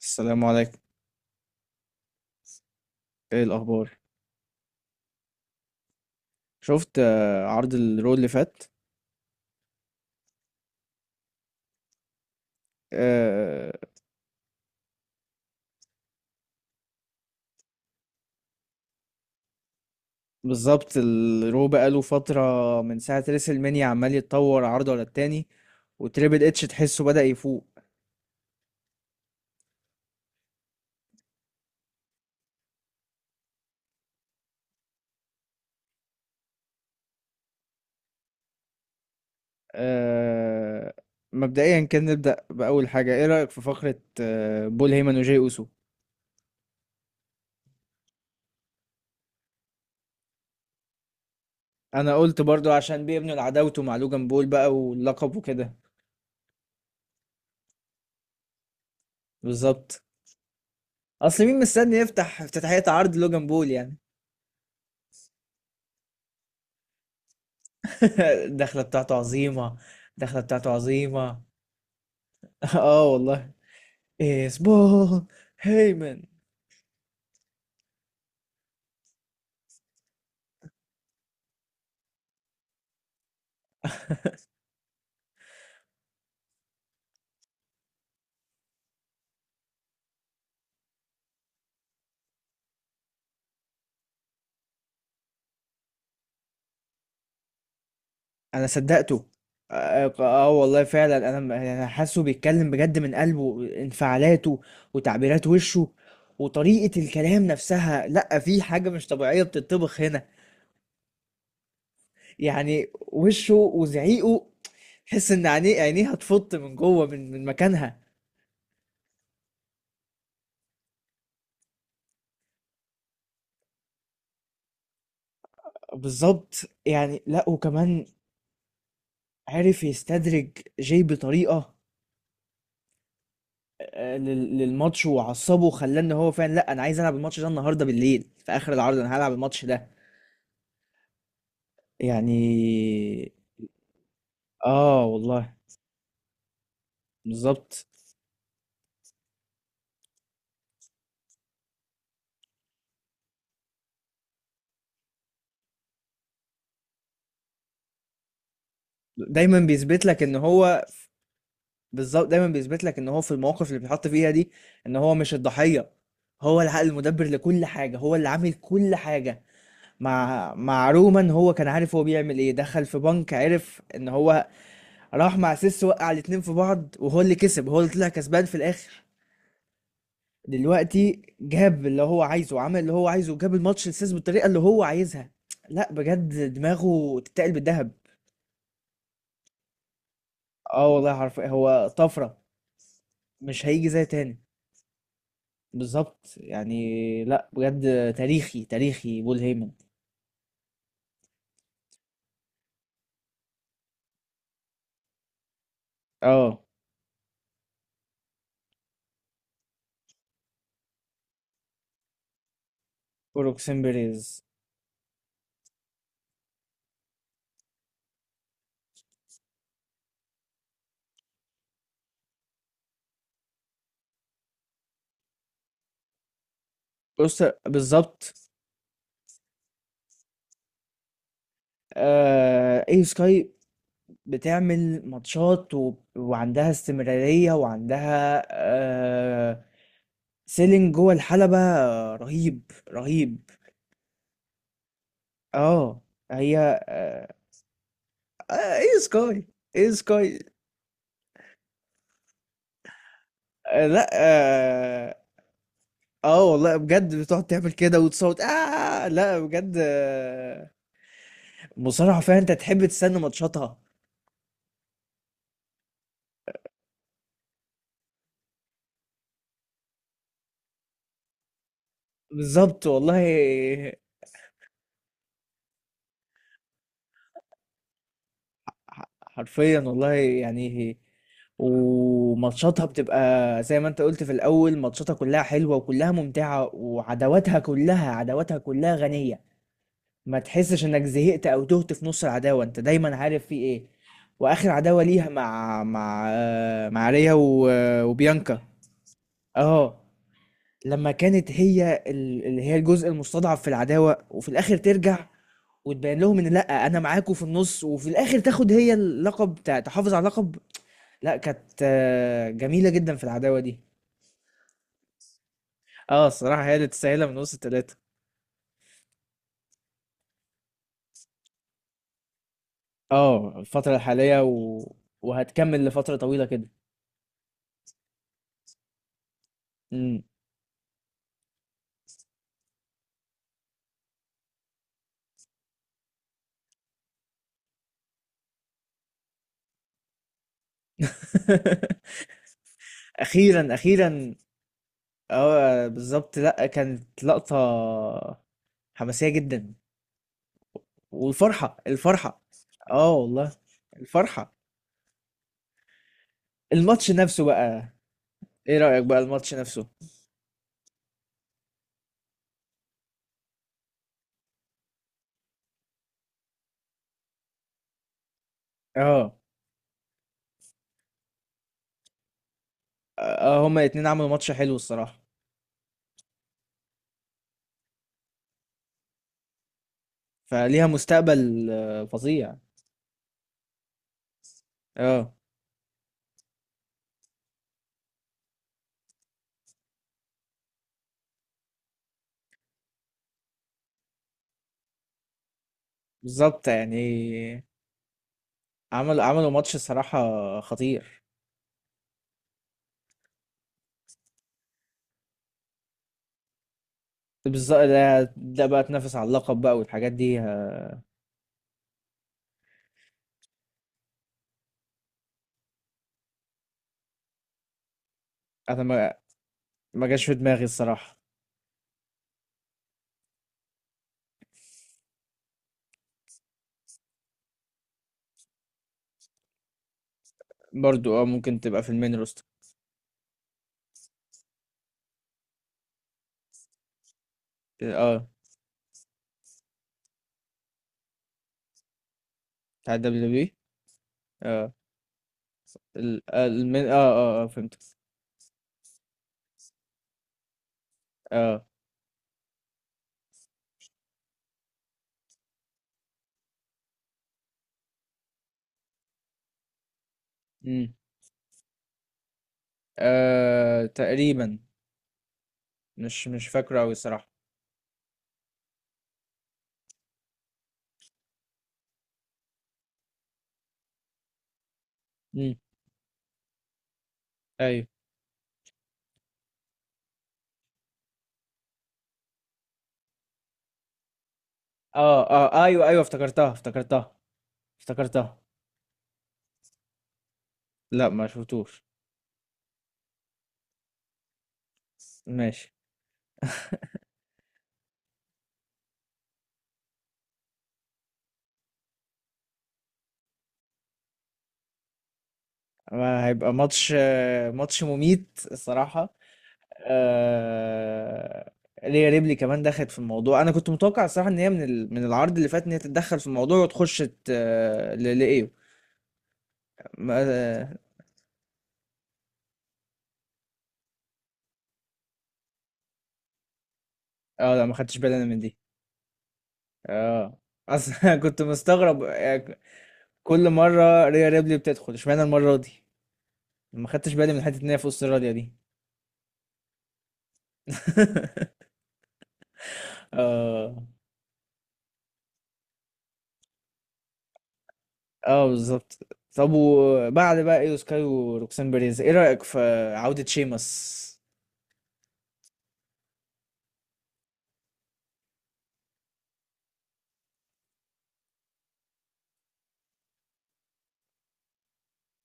السلام عليكم. ايه الاخبار؟ شفت عرض الرو اللي فات؟ آه. بالظبط، الرو بقاله فتره. من ساعه ريسل مانيا عمال يتطور عرض ورا التاني، وتريبل اتش تحسه بدأ يفوق. آه. مبدئيا كان نبدأ بأول حاجه. ايه رأيك في فقره بول هيمن وجاي اوسو؟ انا قلت برضو عشان بيبنوا العداوته مع لوجان بول بقى واللقب وكده. بالظبط. اصل مين مستني يفتح افتتاحيه عرض لوجان بول يعني؟ الدخلة بتاعته عظيمة. الدخلة بتاعته عظيمة. اه والله. اسبون هيمن. انا صدقته. اه. والله فعلا، انا حاسه بيتكلم بجد من قلبه، انفعالاته وتعبيرات وشه وطريقة الكلام نفسها. لا، في حاجة مش طبيعية بتطبخ هنا. يعني وشه وزعيقه، تحس ان عينيه هتفط من جوه، من مكانها. بالظبط يعني. لا، وكمان عرف يستدرج، جاي بطريقة للماتش، وعصبه وخلاه ان هو فعلا، لا انا عايز العب الماتش ده النهارده بالليل في اخر العرض، انا هلعب الماتش ده. يعني. اه والله. بالظبط، دايما بيثبت لك ان هو. بالظبط، دايما بيثبت لك ان هو في المواقف اللي بيتحط فيها دي، ان هو مش الضحية. هو العقل المدبر لكل حاجة، هو اللي عامل كل حاجة. مع رومان هو كان عارف هو بيعمل ايه، دخل في بنك، عرف ان هو راح مع سيس، وقع الاتنين في بعض، وهو اللي كسب، هو اللي طلع كسبان في الاخر. دلوقتي جاب اللي هو عايزه، عمل اللي هو عايزه، جاب الماتش لسيس بالطريقه اللي هو عايزها. لا بجد، دماغه تتقل بالذهب. اه والله، حرفيا هو طفره. مش هيجي زي تاني. بالظبط يعني. لا بجد، تاريخي تاريخي بول هيمن. اه. وروكسين بيريز. بص بالظبط. اي سكاي بتعمل ماتشات وعندها استمرارية، وعندها سيلينج جوه الحلبة، رهيب. رهيب. اه. هي. آه، آه، ايه سكاي. ايه سكاي. لا اه. والله بجد بتقعد تعمل كده وتصوت. اه لا بجد. مصارعة فعلا، انت تحب تستنى ماتشاتها. بالظبط والله. حرفيا والله يعني. وماتشاتها بتبقى زي ما انت قلت في الاول، ماتشاتها كلها حلوة وكلها ممتعة، وعداواتها كلها، عداواتها كلها غنية. ما تحسش انك زهقت او تهت في نص العداوه، انت دايما عارف في ايه. واخر عداوه ليها مع مع ريا وبيانكا. اه. لما كانت هي اللي هي الجزء المستضعف في العداوه، وفي الاخر ترجع وتبين لهم ان لا انا معاكم في النص، وفي الاخر تاخد هي اللقب، تحافظ على اللقب. لا، كانت جميله جدا في العداوه دي. اه، الصراحه هي اللي تستاهلها من وسط الثلاثه. اه، الفتره الحاليه وهتكمل لفتره طويله كده. امم. اخيرا اخيرا. اه بالظبط، لا كانت لقطة حماسية جدا. والفرحة الفرحة. اه والله. الفرحة. الماتش نفسه بقى. ايه رأيك بقى الماتش نفسه؟ اه اه، هما الاتنين عملوا ماتش حلو الصراحة. فليها مستقبل فظيع. اه بالظبط يعني. عملوا ماتش الصراحة خطير. بالظبط، ده بقى تنافس على اللقب بقى، والحاجات دي. انا ما جاش في دماغي الصراحة. برضو ممكن تبقى في المين روستر. اه، بتاع الدبليو دبليو بي. اه، ال- المن اه اه اه فهمتك. اه. امم. تقريبا. مش فاكره قوي الصراحه. امم. ايوه. اه اه، ايوه ايوه، افتكرتها افتكرتها. افتكرتها. لا ما شفتوش. ماشي. هيبقى ماتش مميت الصراحه. آه. ريا ريبلي كمان دخلت في الموضوع. انا كنت متوقع الصراحه ان هي من العرض اللي فات، ان هي تتدخل في الموضوع وتخش لايو. ما... اه، لا ما خدتش بالي انا من دي. اه. اصلا كنت مستغرب. كل مره ريا ريبلي بتدخل اشمعنى المره دي. ما خدتش بالي من حته ان هي في استراليا دي. اه اه بالظبط. طب، وبعد بقى ايو سكاي وروكسان بيريز، ايه رايك في عوده شيمس؟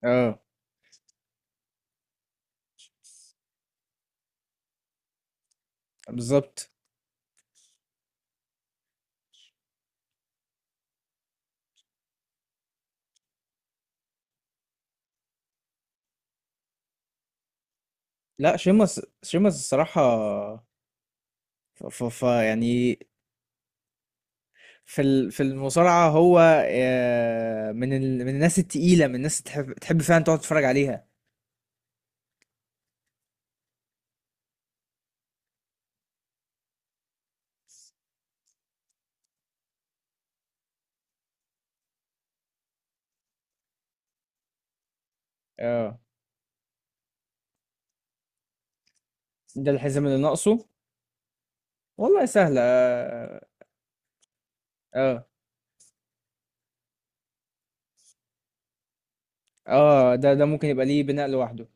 اه بالظبط. لا، شيمس شيمس الصراحه. ف يعني. في المصارعه هو من الناس التقيله، من الناس تحب فعلا تقعد تتفرج عليها. اه، ده الحزام اللي ناقصه. والله سهلة اه. اه ده ممكن يبقى ليه بناء لوحده.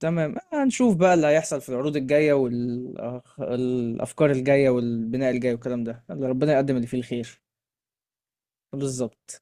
تمام، هنشوف بقى اللي هيحصل في العروض الجاية والأفكار الجاية والبناء الجاي والكلام ده. يلا، ربنا يقدم اللي فيه الخير. بالظبط.